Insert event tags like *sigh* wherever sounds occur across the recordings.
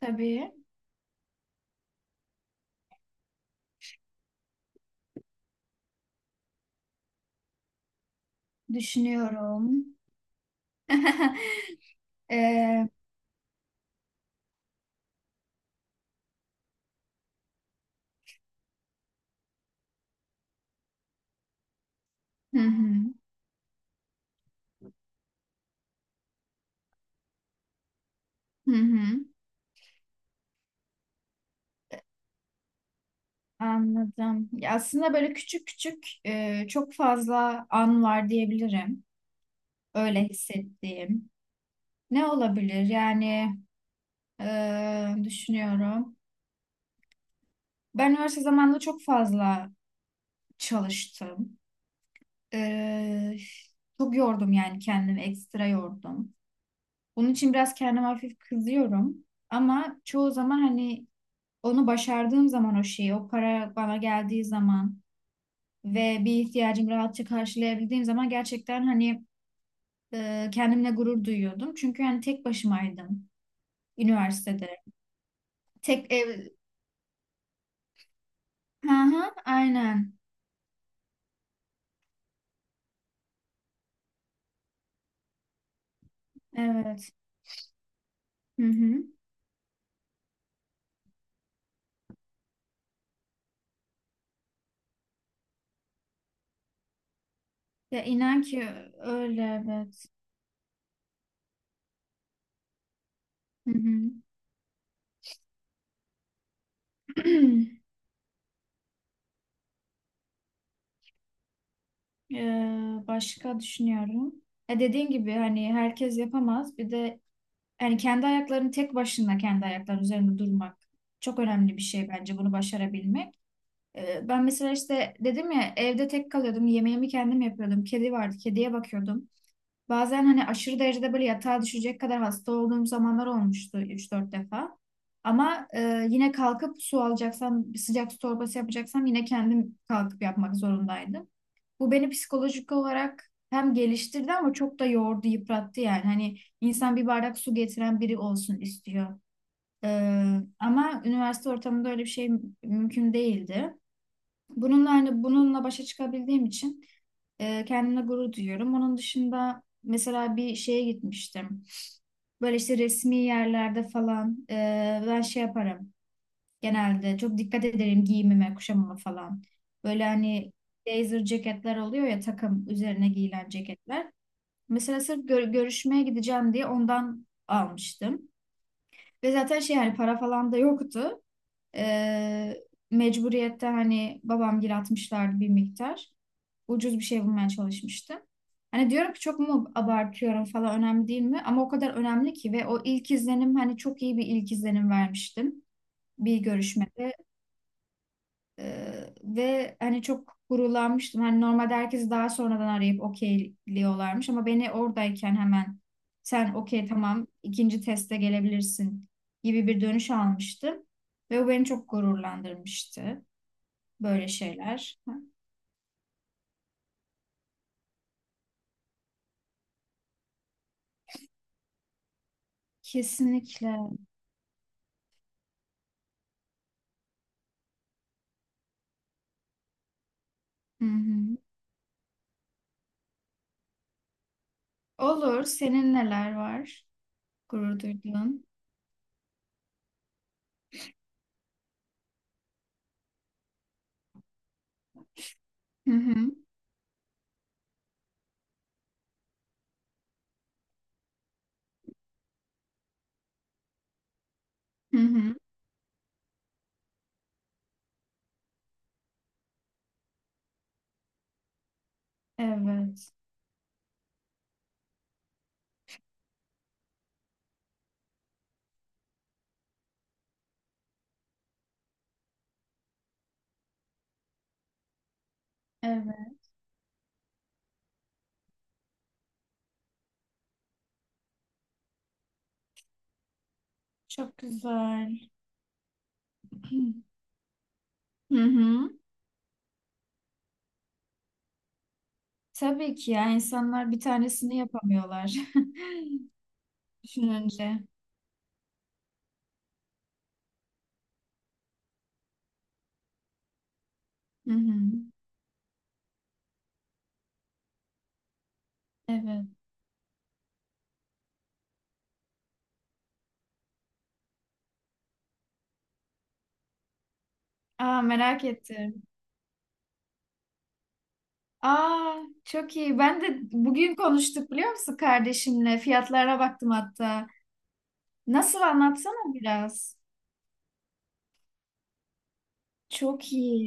Tabii. Düşünüyorum. *laughs* Ee, hı hı, hı hı. Anladım. Ya aslında böyle küçük küçük çok fazla an var diyebilirim. Öyle hissettiğim. Ne olabilir? Yani düşünüyorum. Ben üniversite zamanında çok fazla çalıştım. E, Çok yordum yani kendimi. Ekstra yordum. Bunun için biraz kendime hafif kızıyorum. Ama çoğu zaman hani onu başardığım zaman o şeyi, o para bana geldiği zaman ve bir ihtiyacımı rahatça karşılayabildiğim zaman gerçekten hani kendimle gurur duyuyordum. Çünkü hani tek başımaydım üniversitede. Tek ev... Hı hı, aynen. Evet. Hı hı. Ya inan ki öyle evet. Hı hı. *clears throat* Başka düşünüyorum. E dediğin gibi hani herkes yapamaz. Bir de yani kendi ayaklarının üzerinde durmak çok önemli bir şey bence bunu başarabilmek. Ben mesela işte dedim ya evde tek kalıyordum. Yemeğimi kendim yapıyordum. Kedi vardı. Kediye bakıyordum. Bazen hani aşırı derecede böyle yatağa düşecek kadar hasta olduğum zamanlar olmuştu üç dört defa. Ama yine kalkıp su alacaksam, bir sıcak su torbası yapacaksam yine kendim kalkıp yapmak zorundaydım. Bu beni psikolojik olarak hem geliştirdi ama çok da yordu, yıprattı yani. Hani insan bir bardak su getiren biri olsun istiyor. Ee, ama üniversite ortamında öyle bir şey mümkün değildi. Bununla hani başa çıkabildiğim için kendimle gurur duyuyorum. Onun dışında mesela bir şeye gitmiştim. Böyle işte resmi yerlerde falan ben şey yaparım. Genelde çok dikkat ederim giyimime, kuşamama falan. Böyle hani blazer ceketler oluyor ya takım üzerine giyilen ceketler. Mesela sırf görüşmeye gideceğim diye ondan almıştım. Ve zaten şey hani para falan da yoktu. Ee, mecburiyette hani babam gir atmışlardı bir miktar. Ucuz bir şey bulmaya çalışmıştım. Hani diyorum ki çok mu abartıyorum falan önemli değil mi? Ama o kadar önemli ki ve o ilk izlenim hani çok iyi bir ilk izlenim vermiştim bir görüşmede. Ve hani çok gurulanmıştım. Hani normalde herkesi daha sonradan arayıp okeyliyorlarmış ama beni oradayken hemen sen okey tamam ikinci teste gelebilirsin gibi bir dönüş almıştım. Ve o beni çok gururlandırmıştı. Böyle şeyler. Kesinlikle. Hı hı. Olur. Senin neler var? Gurur duyduğun. Hı hı. Hı hı. Evet. Evet. Çok güzel. Hı hı. Tabii ki ya insanlar bir tanesini yapamıyorlar *laughs* düşününce. Hı hı. Evet. Aa merak ettim. Aa çok iyi. Ben de bugün konuştuk biliyor musun kardeşimle? Fiyatlara baktım hatta. Nasıl anlatsana biraz. Çok iyi.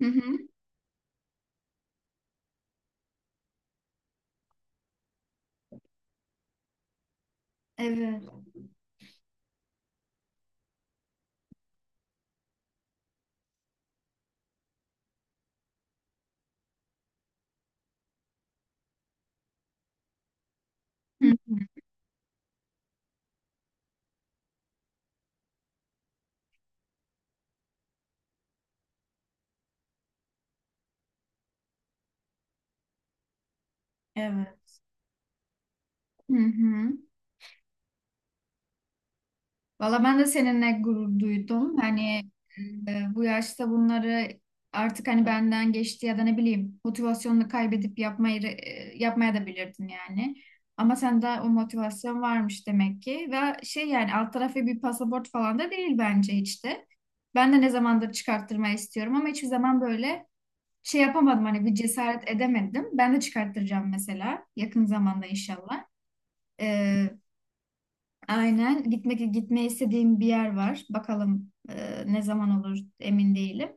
Hı hı. Evet. Hı hı. Evet. Hı hı. Valla ben de seninle gurur duydum. Hani bu yaşta bunları artık hani benden geçti ya da ne bileyim motivasyonunu kaybedip yapmaya da bilirdin yani. Ama sende o motivasyon varmış demek ki. Ve şey yani alt tarafı bir pasaport falan da değil bence hiç de. Ben de ne zamandır çıkarttırmayı istiyorum ama hiçbir zaman böyle şey yapamadım hani bir cesaret edemedim. Ben de çıkarttıracağım mesela yakın zamanda inşallah. E, Aynen. Gitmeyi istediğim bir yer var. Bakalım ne zaman olur emin değilim.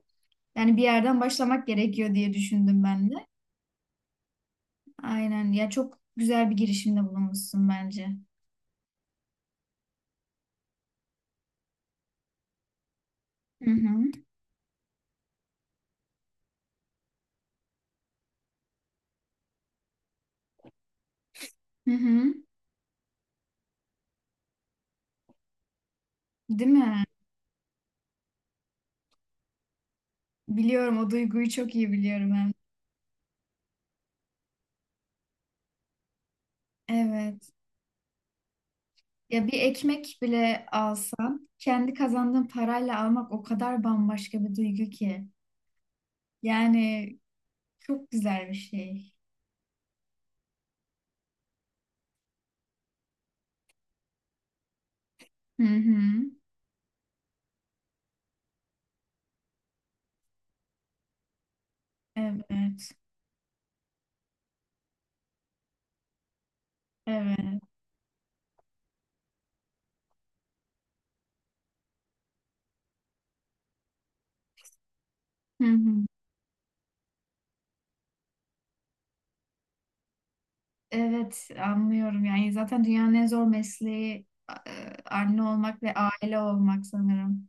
Yani bir yerden başlamak gerekiyor diye düşündüm ben de. Aynen. Ya çok güzel bir girişimde bulunmuşsun bence. Hı hı. Hı hı. Değil mi? Biliyorum o duyguyu çok iyi biliyorum hem. Evet. Ya bir ekmek bile alsam kendi kazandığım parayla almak o kadar bambaşka bir duygu ki. Yani çok güzel bir şey. Hı hı. Evet. Evet. Hı hı. Evet anlıyorum yani zaten dünyanın en zor mesleği anne olmak ve aile olmak sanırım.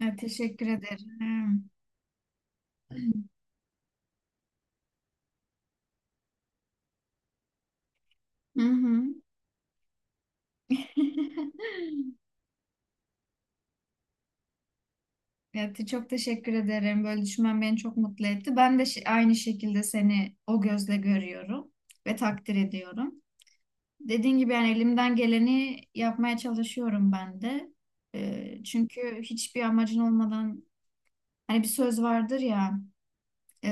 Evet, teşekkür ederim. *clears throat* Hı hı. *laughs* Evet, çok teşekkür ederim. Böyle düşünmen beni çok mutlu etti. Ben de aynı şekilde seni o gözle görüyorum ve takdir ediyorum. Dediğin gibi yani elimden geleni yapmaya çalışıyorum ben de. E, çünkü hiçbir amacın olmadan hani bir söz vardır ya. e,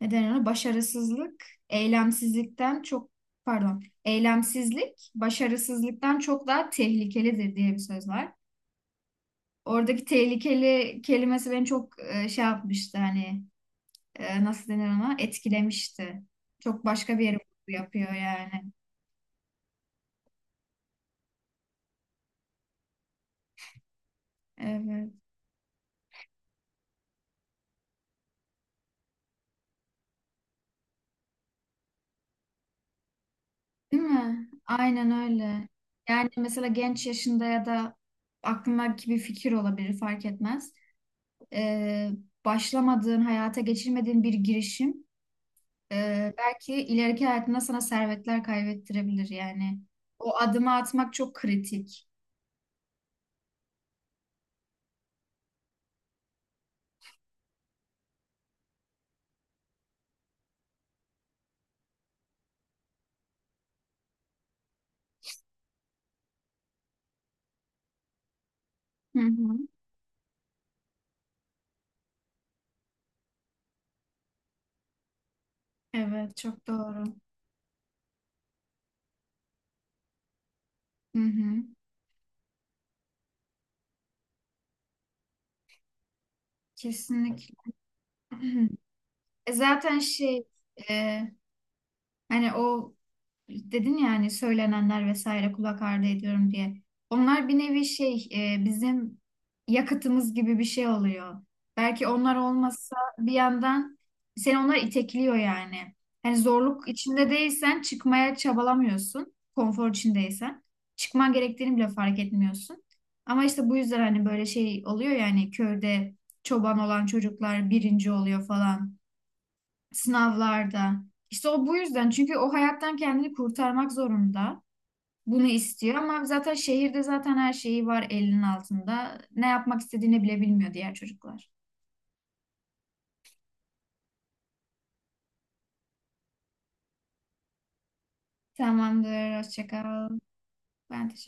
ne denir ona? Başarısızlık, eylemsizlikten çok pardon, eylemsizlik başarısızlıktan çok daha tehlikelidir diye bir söz var. Oradaki tehlikeli kelimesi beni çok şey yapmıştı hani nasıl denir ona? Etkilemişti. Çok başka bir yere vurgu yapıyor yani. Evet. Değil mi? Aynen öyle. Yani mesela genç yaşında ya da aklındaki bir fikir olabilir fark etmez. Ee, başlamadığın, hayata geçirmediğin bir girişim. Belki ileriki hayatında sana servetler kaybettirebilir yani. O adımı atmak çok kritik. Hı hı. Evet, çok doğru. Hı hı. Kesinlikle. *clears throat* E zaten şey, e, hani o dedin ya hani söylenenler vesaire kulak ardı ediyorum diye. Onlar bir nevi bizim yakıtımız gibi bir şey oluyor. Belki onlar olmasa bir yandan seni onlar itekliyor yani. Hani zorluk içinde değilsen çıkmaya çabalamıyorsun. Konfor içindeysen. Çıkman gerektiğini bile fark etmiyorsun. Ama işte bu yüzden hani böyle şey oluyor yani köyde çoban olan çocuklar birinci oluyor falan sınavlarda. İşte o bu yüzden çünkü o hayattan kendini kurtarmak zorunda. Bunu istiyor ama zaten şehirde zaten her şeyi var elinin altında. Ne yapmak istediğini bile bilmiyor diğer çocuklar. Tamamdır. Hoşça kal. Ben teşekkür